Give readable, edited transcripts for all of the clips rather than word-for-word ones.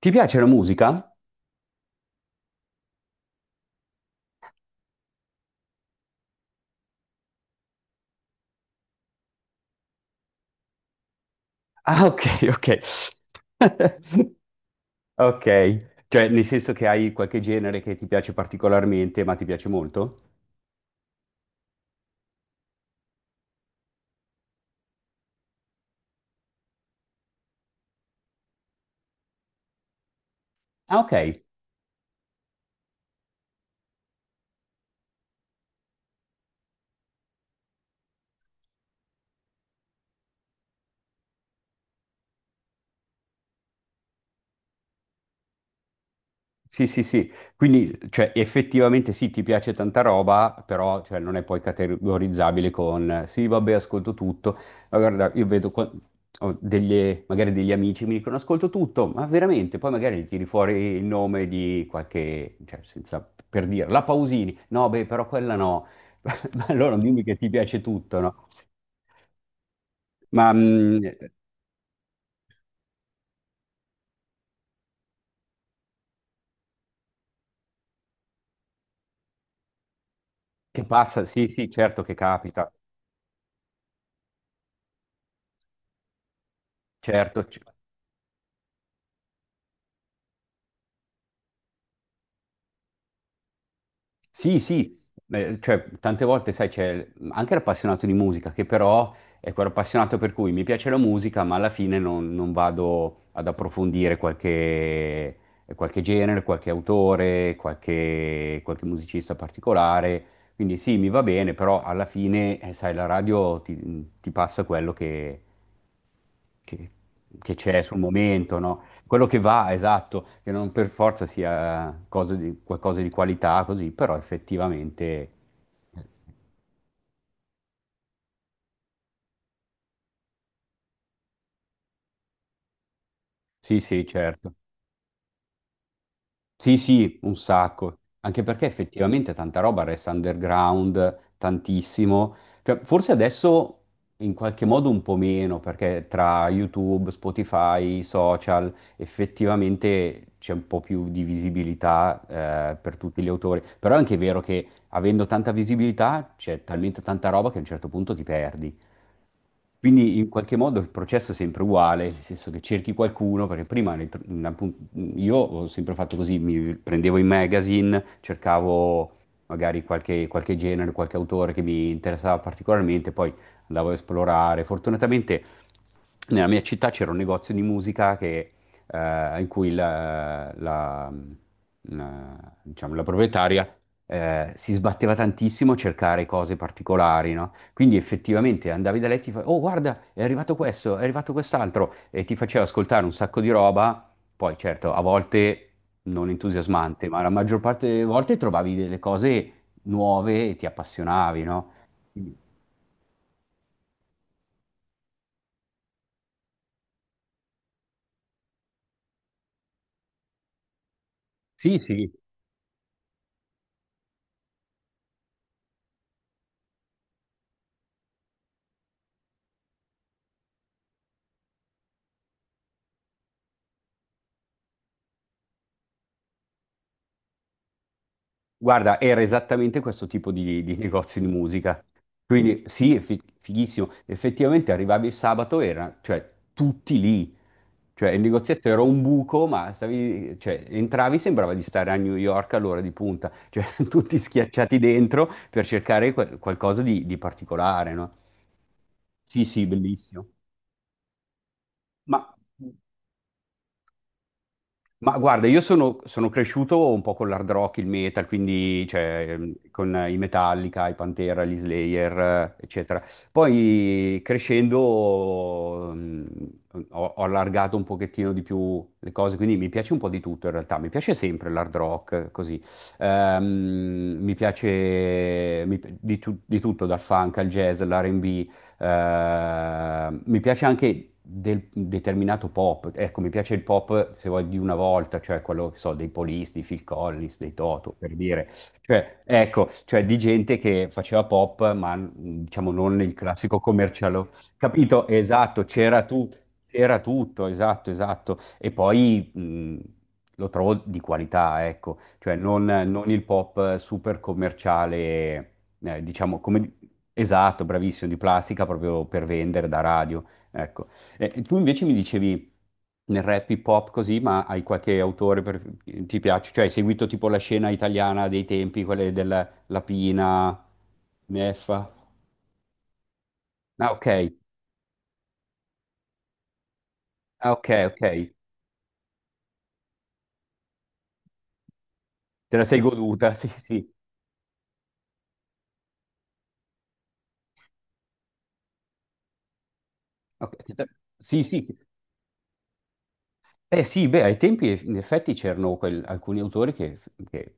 Ti piace la musica? Ah, ok, ok. Ok, cioè nel senso che hai qualche genere che ti piace particolarmente, ma ti piace molto? Ah, ok. Sì, sì, sì, quindi cioè, effettivamente sì, ti piace tanta roba, però cioè, non è poi categorizzabile con sì, vabbè, ascolto tutto. Ma guarda, io vedo ho magari degli amici mi dicono ascolto tutto, ma veramente, poi magari gli tiri fuori il nome di qualche, cioè, senza, per dire, la Pausini, no, beh, però quella no, ma allora non dimmi che ti piace tutto, no? Ma che passa? Sì, sì, certo che capita, certo. Sì, sì, cioè tante volte, sai, c'è anche l'appassionato di musica, che però è quell'appassionato per cui mi piace la musica, ma alla fine non, non vado ad approfondire qualche, qualche genere, qualche autore, qualche musicista particolare. Quindi sì, mi va bene, però alla fine, sai, la radio ti passa quello che che c'è sul momento, no? Quello che va, esatto, che non per forza sia cosa qualcosa di qualità, così, però effettivamente... Sì, sì, certo. Sì, sì, un sacco, anche perché effettivamente tanta roba resta underground, tantissimo. Cioè, forse adesso in qualche modo un po' meno, perché tra YouTube, Spotify, social, effettivamente c'è un po' più di visibilità, per tutti gli autori. Però è anche vero che avendo tanta visibilità c'è talmente tanta roba che a un certo punto ti perdi. Quindi in qualche modo il processo è sempre uguale, nel senso che cerchi qualcuno, perché prima appunto io ho sempre fatto così, mi prendevo i magazine, cercavo magari qualche genere, qualche autore che mi interessava particolarmente, poi andavo a esplorare. Fortunatamente nella mia città c'era un negozio di musica che, in cui diciamo, la proprietaria si sbatteva tantissimo a cercare cose particolari, no? Quindi effettivamente andavi da lei e ti fa: oh guarda, è arrivato questo, è arrivato quest'altro, e ti faceva ascoltare un sacco di roba. Poi certo, a volte non entusiasmante, ma la maggior parte delle volte trovavi delle cose nuove e ti appassionavi, no? Quindi- Sì, sì, guarda, era esattamente questo tipo di negozio di musica. Quindi sì, è fighissimo. Effettivamente arrivavi il sabato, era, cioè, tutti lì. Cioè, il negozietto era un buco, ma stavi, cioè, entravi, sembrava di stare a New York all'ora di punta. Cioè, tutti schiacciati dentro per cercare qualcosa di particolare, no? Sì, sì, bellissimo. Ma, ma guarda, io sono cresciuto un po' con l'hard rock, il metal, quindi cioè, con i Metallica, i Pantera, gli Slayer, eccetera. Poi crescendo ho allargato un pochettino di più le cose, quindi mi piace un po' di tutto in realtà. Mi piace sempre l'hard rock, così. Mi piace mi pi- di, tu- di tutto, dal funk al jazz, all'R&B, mi piace anche del determinato pop, ecco, mi piace il pop, se vuoi, di una volta, cioè quello, che so, dei Police, dei Phil Collins, dei Toto, per dire. Cioè, ecco, cioè di gente che faceva pop, ma diciamo non il classico commerciale. Capito? Esatto, c'era tutto, esatto, esatto. E poi lo trovo di qualità, ecco, cioè non il pop super commerciale, diciamo, come... Esatto, bravissimo, di plastica proprio per vendere da radio, ecco. E tu invece mi dicevi nel rap hip hop così, ma hai qualche autore per... ti piace? Cioè hai seguito tipo la scena italiana dei tempi, quelle della Lapina, Neffa? Ah, ok, ah, ok, ok. Te la sei goduta, sì, sì. Ok. Sì, sì. Eh sì, beh, ai tempi in effetti c'erano alcuni autori che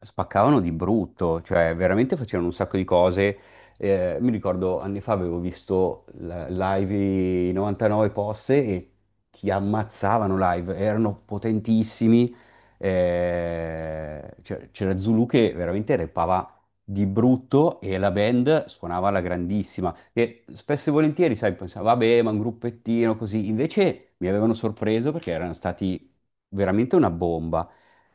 spaccavano di brutto, cioè veramente facevano un sacco di cose. Mi ricordo anni fa avevo visto live i 99 Posse e ti ammazzavano live, erano potentissimi. C'era Zulu che veramente repava di brutto e la band suonava alla grandissima. E spesso e volentieri, sai, pensavo, vabbè, ma un gruppettino così. Invece mi avevano sorpreso perché erano stati veramente una bomba.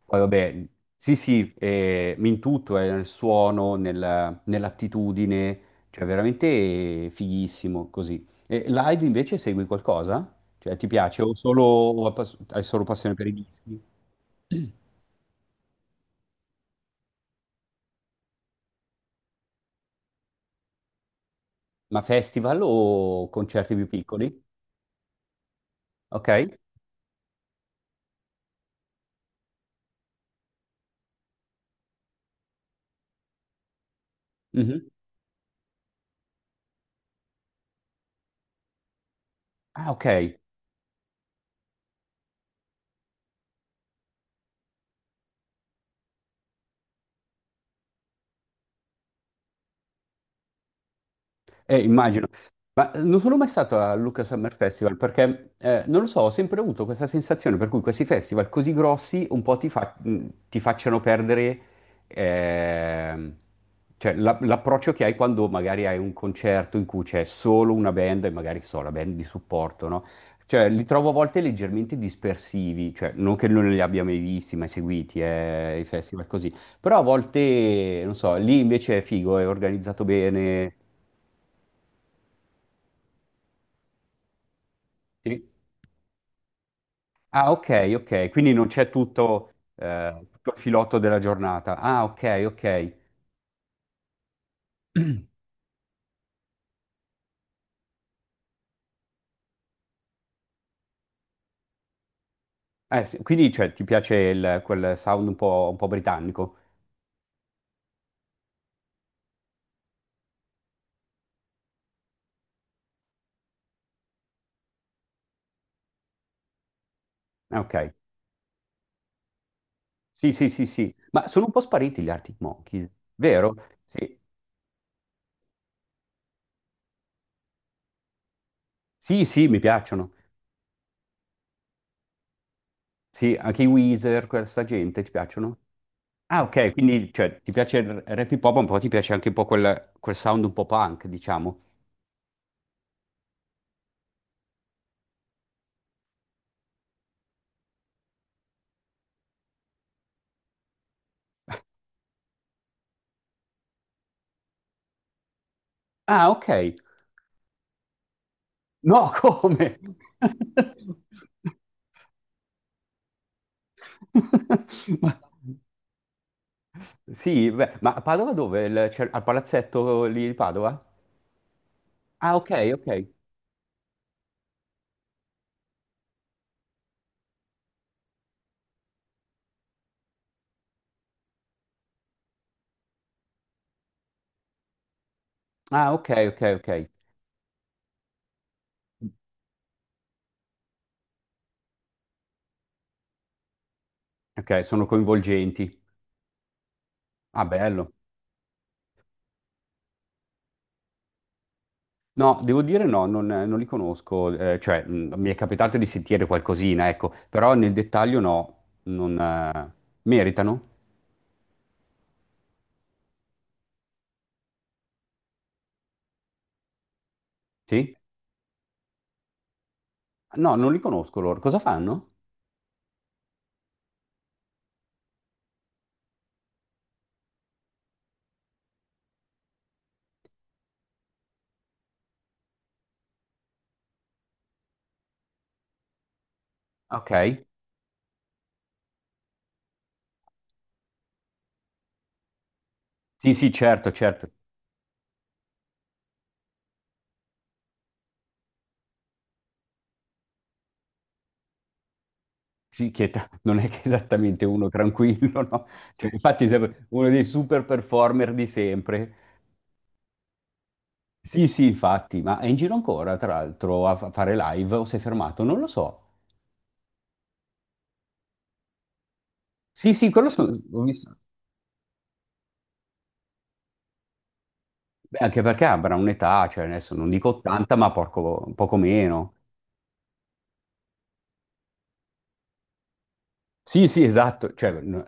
Poi, vabbè, sì, sì, in tutto, nel suono, nell'attitudine, cioè veramente fighissimo così. E live invece segui qualcosa? Cioè, ti piace o solo, o hai solo passione per i dischi? Ma festival o concerti più piccoli? Ok? Mhm. Ah, ok. Immagino. Ma non sono mai stato al Lucca Summer Festival perché, non lo so, ho sempre avuto questa sensazione per cui questi festival così grossi un po' ti facciano perdere ehm, cioè, l'approccio che hai quando magari hai un concerto in cui c'è solo una band e magari, che so, la band di supporto, no? Cioè, li trovo a volte leggermente dispersivi, cioè, non che non li abbia mai visti, mai seguiti, i festival così, però a volte, non so, lì invece è figo, è organizzato bene. Sì. Ah, ok, ok, quindi non c'è tutto, tutto il filotto della giornata. Ah, ok, ok. Sì, quindi cioè, ti piace quel sound un po' britannico? Ah, ok, sì, sì, sì, sì. Ma sono un po' spariti gli Arctic Monkeys, vero? Sì, sì, sì, mi piacciono. Sì, anche i Weezer, questa gente, ti piacciono? Ah, ok, quindi cioè, ti piace il rap hip hop, un po' ti piace anche un po' quel sound un po' punk, diciamo. Ah, ok. No, come? Ma- Sì, beh, ma a Padova dove? Al palazzetto lì di Padova? Ah, ok, ok. Ah, ok, ok, ok. Ok, sono coinvolgenti. Ah, bello. No, devo dire no, non li conosco, cioè mi è capitato di sentire qualcosina, ecco, però nel dettaglio no, non meritano? Sì? No, non li conosco loro. Cosa fanno? Ok. Sì, sì, certo, certo. Sì, non è che è esattamente uno tranquillo, no? Cioè, infatti è uno dei super performer di sempre. Sì, sì, infatti, ma è in giro ancora, tra l'altro, a fare live o si è fermato? Non lo so. Sì, sì, quello ho visto. Beh, anche perché avrà un'età, cioè adesso non dico 80, ma poco meno. Sì, sì, esatto, cioè, no,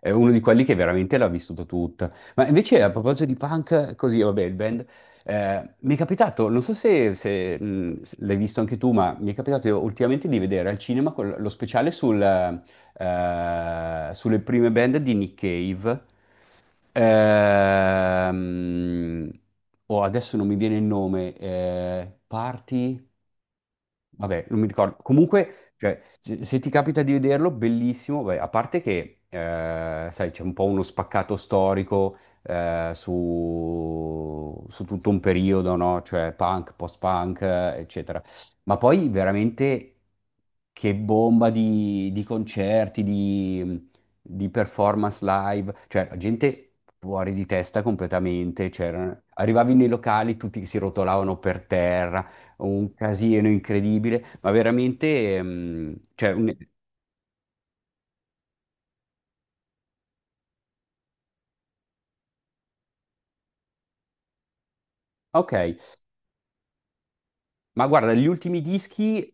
è uno di quelli che veramente l'ha vissuto tutta. Ma invece a proposito di punk, così, vabbè, il band, mi è capitato, non so se l'hai visto anche tu, ma mi è capitato ultimamente di vedere al cinema lo speciale sulle prime band di Nick Cave. Ehm, oh, adesso non mi viene il nome, Party... Vabbè, non mi ricordo. Comunque, cioè, se ti capita di vederlo, bellissimo. Beh, a parte che, sai, c'è un po' uno spaccato storico su, tutto un periodo, no? Cioè punk, post-punk, eccetera. Ma poi veramente che bomba di concerti, di performance live. Cioè, la gente fuori di testa completamente. Arrivavi nei locali, tutti si rotolavano per terra, un casino incredibile, ma veramente, cioè, ok. Ma guarda, gli ultimi dischi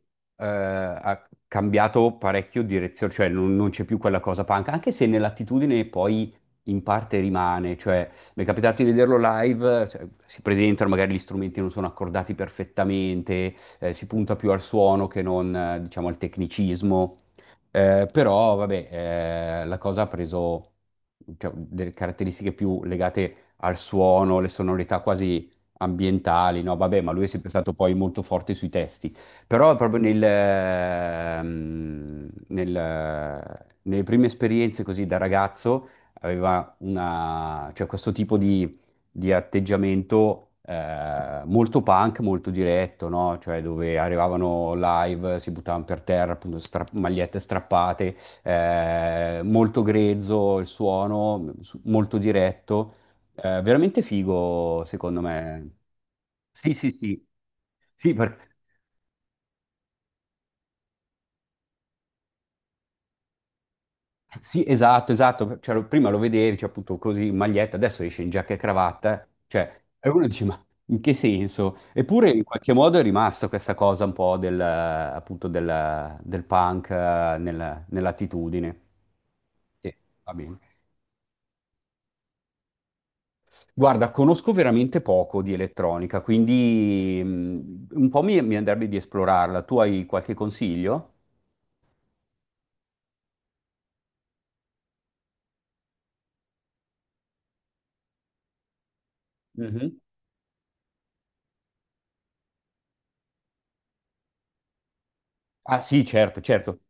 ha cambiato parecchio direzione, cioè non c'è più quella cosa punk, anche se nell'attitudine poi in parte rimane, cioè mi è capitato di vederlo live, cioè, si presentano, magari gli strumenti non sono accordati perfettamente, si punta più al suono che non, diciamo, al tecnicismo. Però vabbè, la cosa ha preso, cioè, delle caratteristiche più legate al suono, le sonorità quasi ambientali, no, vabbè, ma lui è sempre stato poi molto forte sui testi, però proprio nelle prime esperienze così da ragazzo aveva una, cioè, questo tipo di atteggiamento molto punk, molto diretto, no? Cioè dove arrivavano live, si buttavano per terra, appunto, magliette strappate, molto grezzo il suono, molto diretto, è veramente figo, secondo me. Sì, sì, sì. Sì, sì, esatto, esatto. Cioè, prima lo vedevi, cioè, appunto così in maglietta, adesso esce in giacca e cravatta. Cioè, e uno dice, ma in che senso? Eppure in qualche modo è rimasta questa cosa un po' del punk nell'attitudine. Sì, va bene. Guarda, conosco veramente poco di elettronica, quindi un po' mi andrebbe di esplorarla. Tu hai qualche consiglio? Mhm. Ah sì, certo, certo.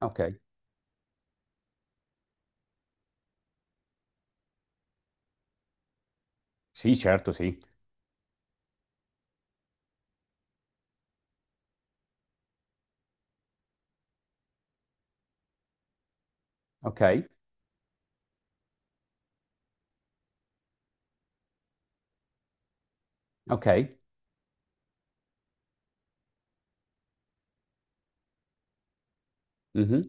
Ok. Sì, certo, sì. Ok, ok. Mhm.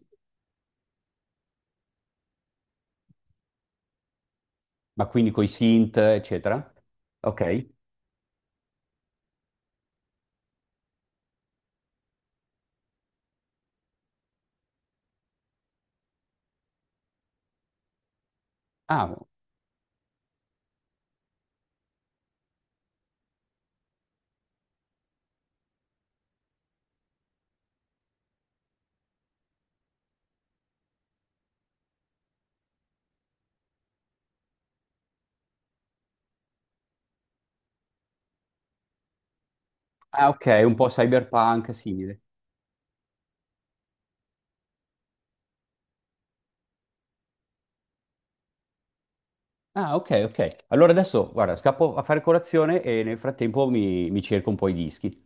Ma quindi coi synth, eccetera. Ok. Ah, ah, ok, un po' cyberpunk simile. Ah, ok, ok. Allora adesso, guarda, scappo a fare colazione e nel frattempo mi cerco un po' i dischi.